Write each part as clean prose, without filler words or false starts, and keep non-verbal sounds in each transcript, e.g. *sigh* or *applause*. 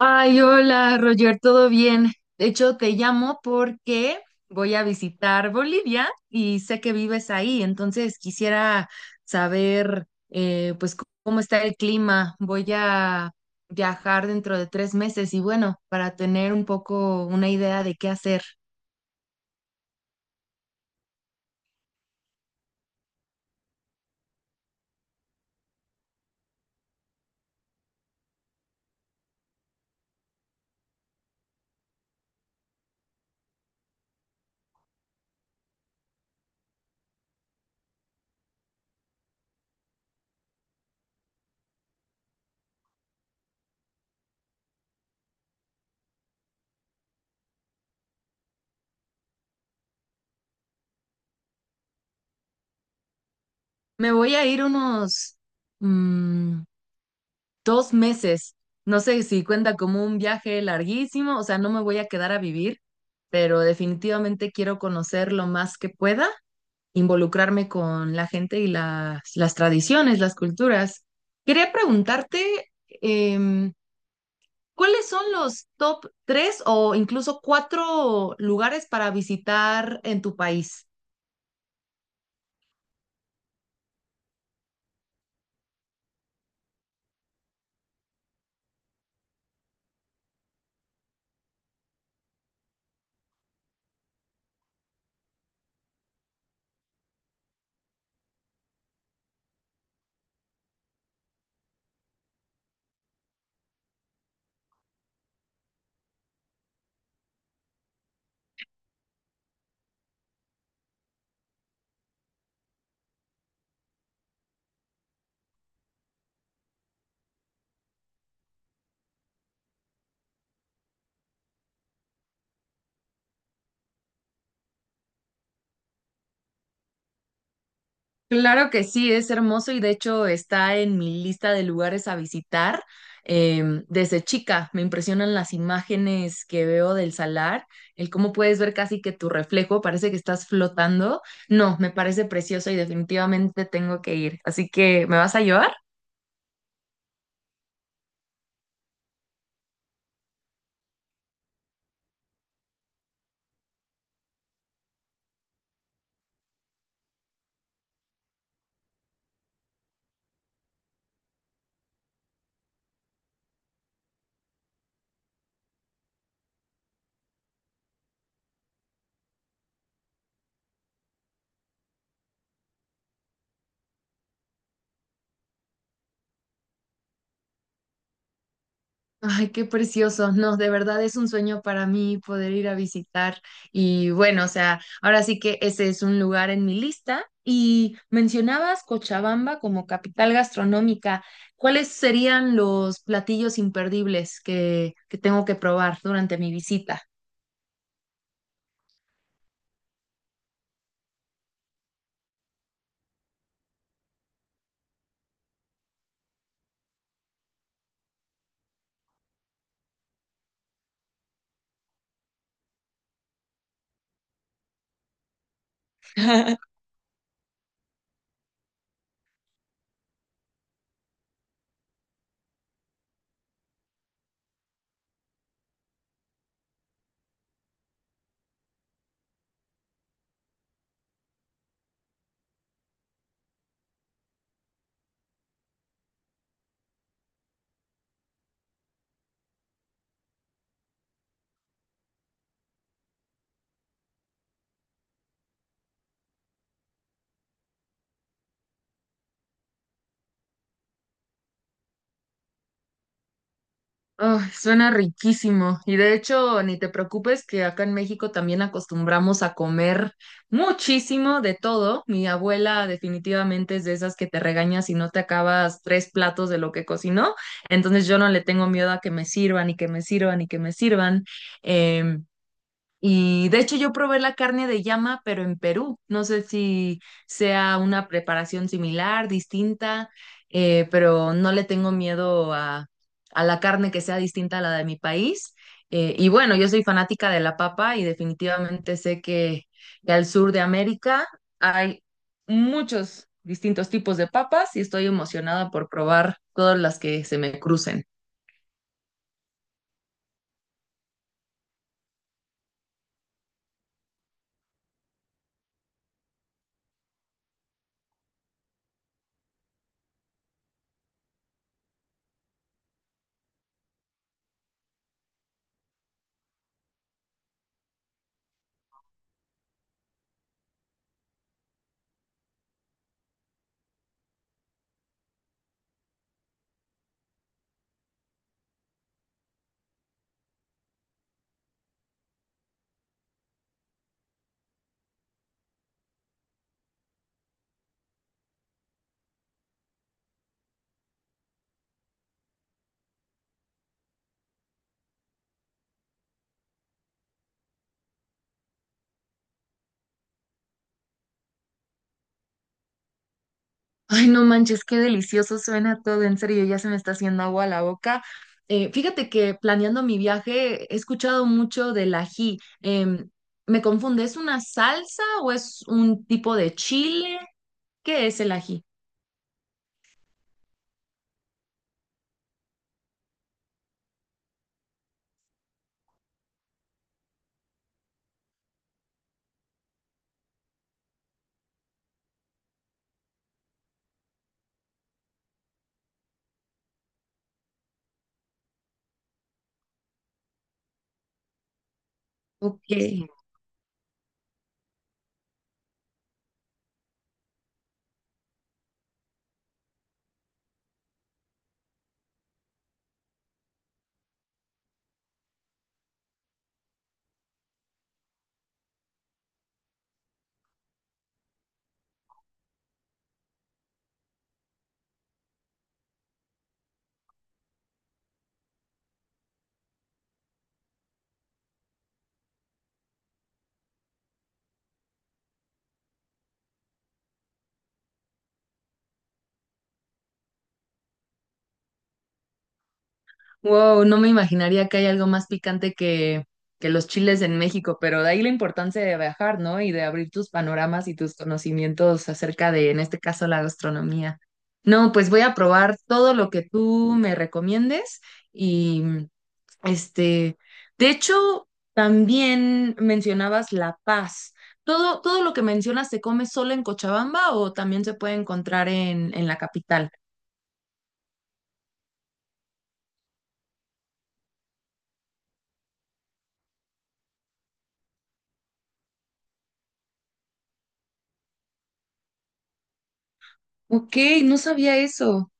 Ay, hola, Roger, ¿todo bien? De hecho, te llamo porque voy a visitar Bolivia y sé que vives ahí, entonces quisiera saber, pues, cómo está el clima. Voy a viajar dentro de 3 meses y bueno, para tener un poco una idea de qué hacer. Me voy a ir unos, mm, dos meses. No sé si cuenta como un viaje larguísimo, o sea, no me voy a quedar a vivir, pero definitivamente quiero conocer lo más que pueda, involucrarme con la gente y las tradiciones, las culturas. Quería preguntarte, ¿cuáles son los top tres o incluso cuatro lugares para visitar en tu país? Claro que sí, es hermoso y de hecho está en mi lista de lugares a visitar. Desde chica me impresionan las imágenes que veo del salar, el cómo puedes ver casi que tu reflejo, parece que estás flotando. No, me parece precioso y definitivamente tengo que ir. Así que, ¿me vas a llevar? Ay, qué precioso. No, de verdad es un sueño para mí poder ir a visitar. Y bueno, o sea, ahora sí que ese es un lugar en mi lista. Y mencionabas Cochabamba como capital gastronómica. ¿Cuáles serían los platillos imperdibles que tengo que probar durante mi visita? *laughs* Ay, suena riquísimo. Y de hecho, ni te preocupes que acá en México también acostumbramos a comer muchísimo de todo. Mi abuela definitivamente es de esas que te regaña si no te acabas tres platos de lo que cocinó. Entonces yo no le tengo miedo a que me sirvan y que me sirvan y que me sirvan. Em, y de hecho yo probé la carne de llama, pero en Perú. No sé si sea una preparación similar, distinta, pero no le tengo miedo a la carne que sea distinta a la de mi país. Y bueno, yo soy fanática de la papa y definitivamente sé que al sur de América hay muchos distintos tipos de papas y estoy emocionada por probar todas las que se me crucen. Ay, no manches, qué delicioso suena todo, en serio, ya se me está haciendo agua a la boca. Fíjate que planeando mi viaje he escuchado mucho del ají. Me confunde, ¿es una salsa o es un tipo de chile? ¿Qué es el ají? Ok. Wow, no me imaginaría que hay algo más picante que los chiles en México, pero de ahí la importancia de viajar, ¿no? Y de abrir tus panoramas y tus conocimientos acerca de, en este caso, la gastronomía. No, pues voy a probar todo lo que tú me recomiendes y, este, de hecho, también mencionabas La Paz. ¿Todo lo que mencionas se come solo en Cochabamba o también se puede encontrar en la capital? Ok, no sabía eso.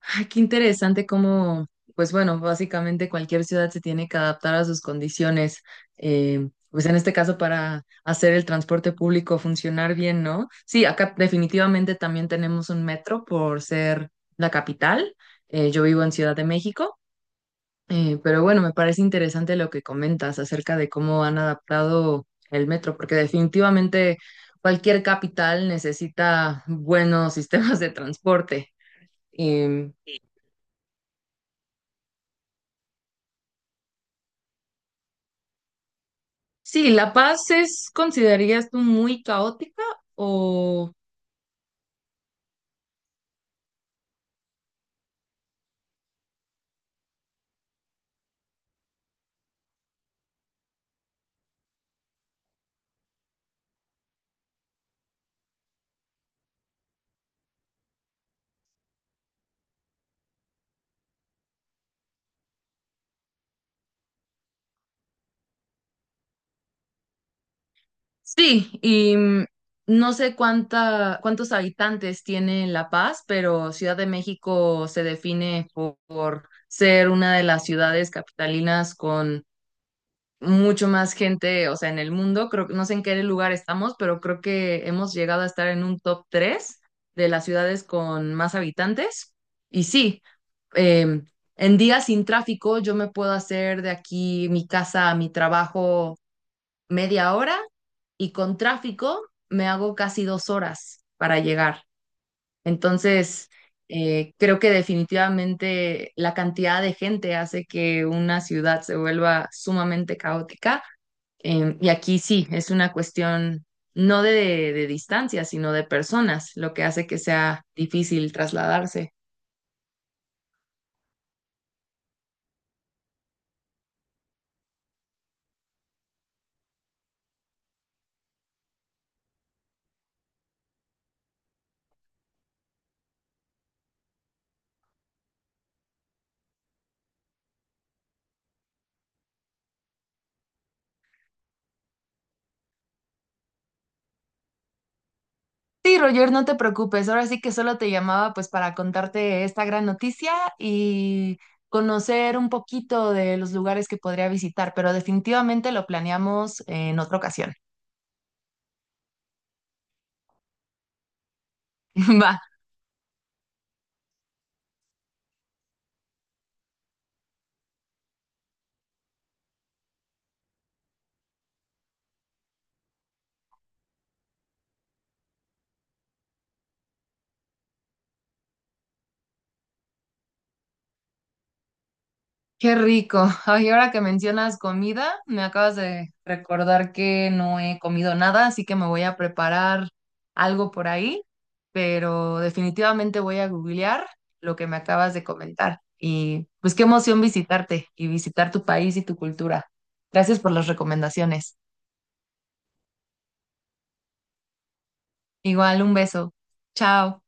Ay, qué interesante cómo, pues bueno, básicamente cualquier ciudad se tiene que adaptar a sus condiciones, pues en este caso para hacer el transporte público funcionar bien, ¿no? Sí, acá definitivamente también tenemos un metro por ser la capital. Yo vivo en Ciudad de México, pero bueno, me parece interesante lo que comentas acerca de cómo han adaptado el metro, porque definitivamente cualquier capital necesita buenos *laughs* sistemas de transporte. Em, Sí, La Paz es, ¿considerarías tú muy caótica o sí? Y no sé cuánta, cuántos habitantes tiene La Paz, pero Ciudad de México se define por ser una de las ciudades capitalinas con mucho más gente, o sea, en el mundo, creo, no sé en qué lugar estamos, pero creo que hemos llegado a estar en un top 3 de las ciudades con más habitantes. Y sí, em, en días sin tráfico yo me puedo hacer de aquí mi casa a mi trabajo media hora y con tráfico me hago casi 2 horas para llegar. Entonces, creo que definitivamente la cantidad de gente hace que una ciudad se vuelva sumamente caótica, y aquí sí, es una cuestión no de, de distancia, sino de personas, lo que hace que sea difícil trasladarse. Sí, Roger, no te preocupes. Ahora sí que solo te llamaba pues para contarte esta gran noticia y conocer un poquito de los lugares que podría visitar, pero definitivamente lo planeamos en otra ocasión. *laughs* Va. Qué rico. Ay, ahora que mencionas comida, me acabas de recordar que no he comido nada, así que me voy a preparar algo por ahí, pero definitivamente voy a googlear lo que me acabas de comentar. Y pues qué emoción visitarte y visitar tu país y tu cultura. Gracias por las recomendaciones. Igual, un beso. Chao.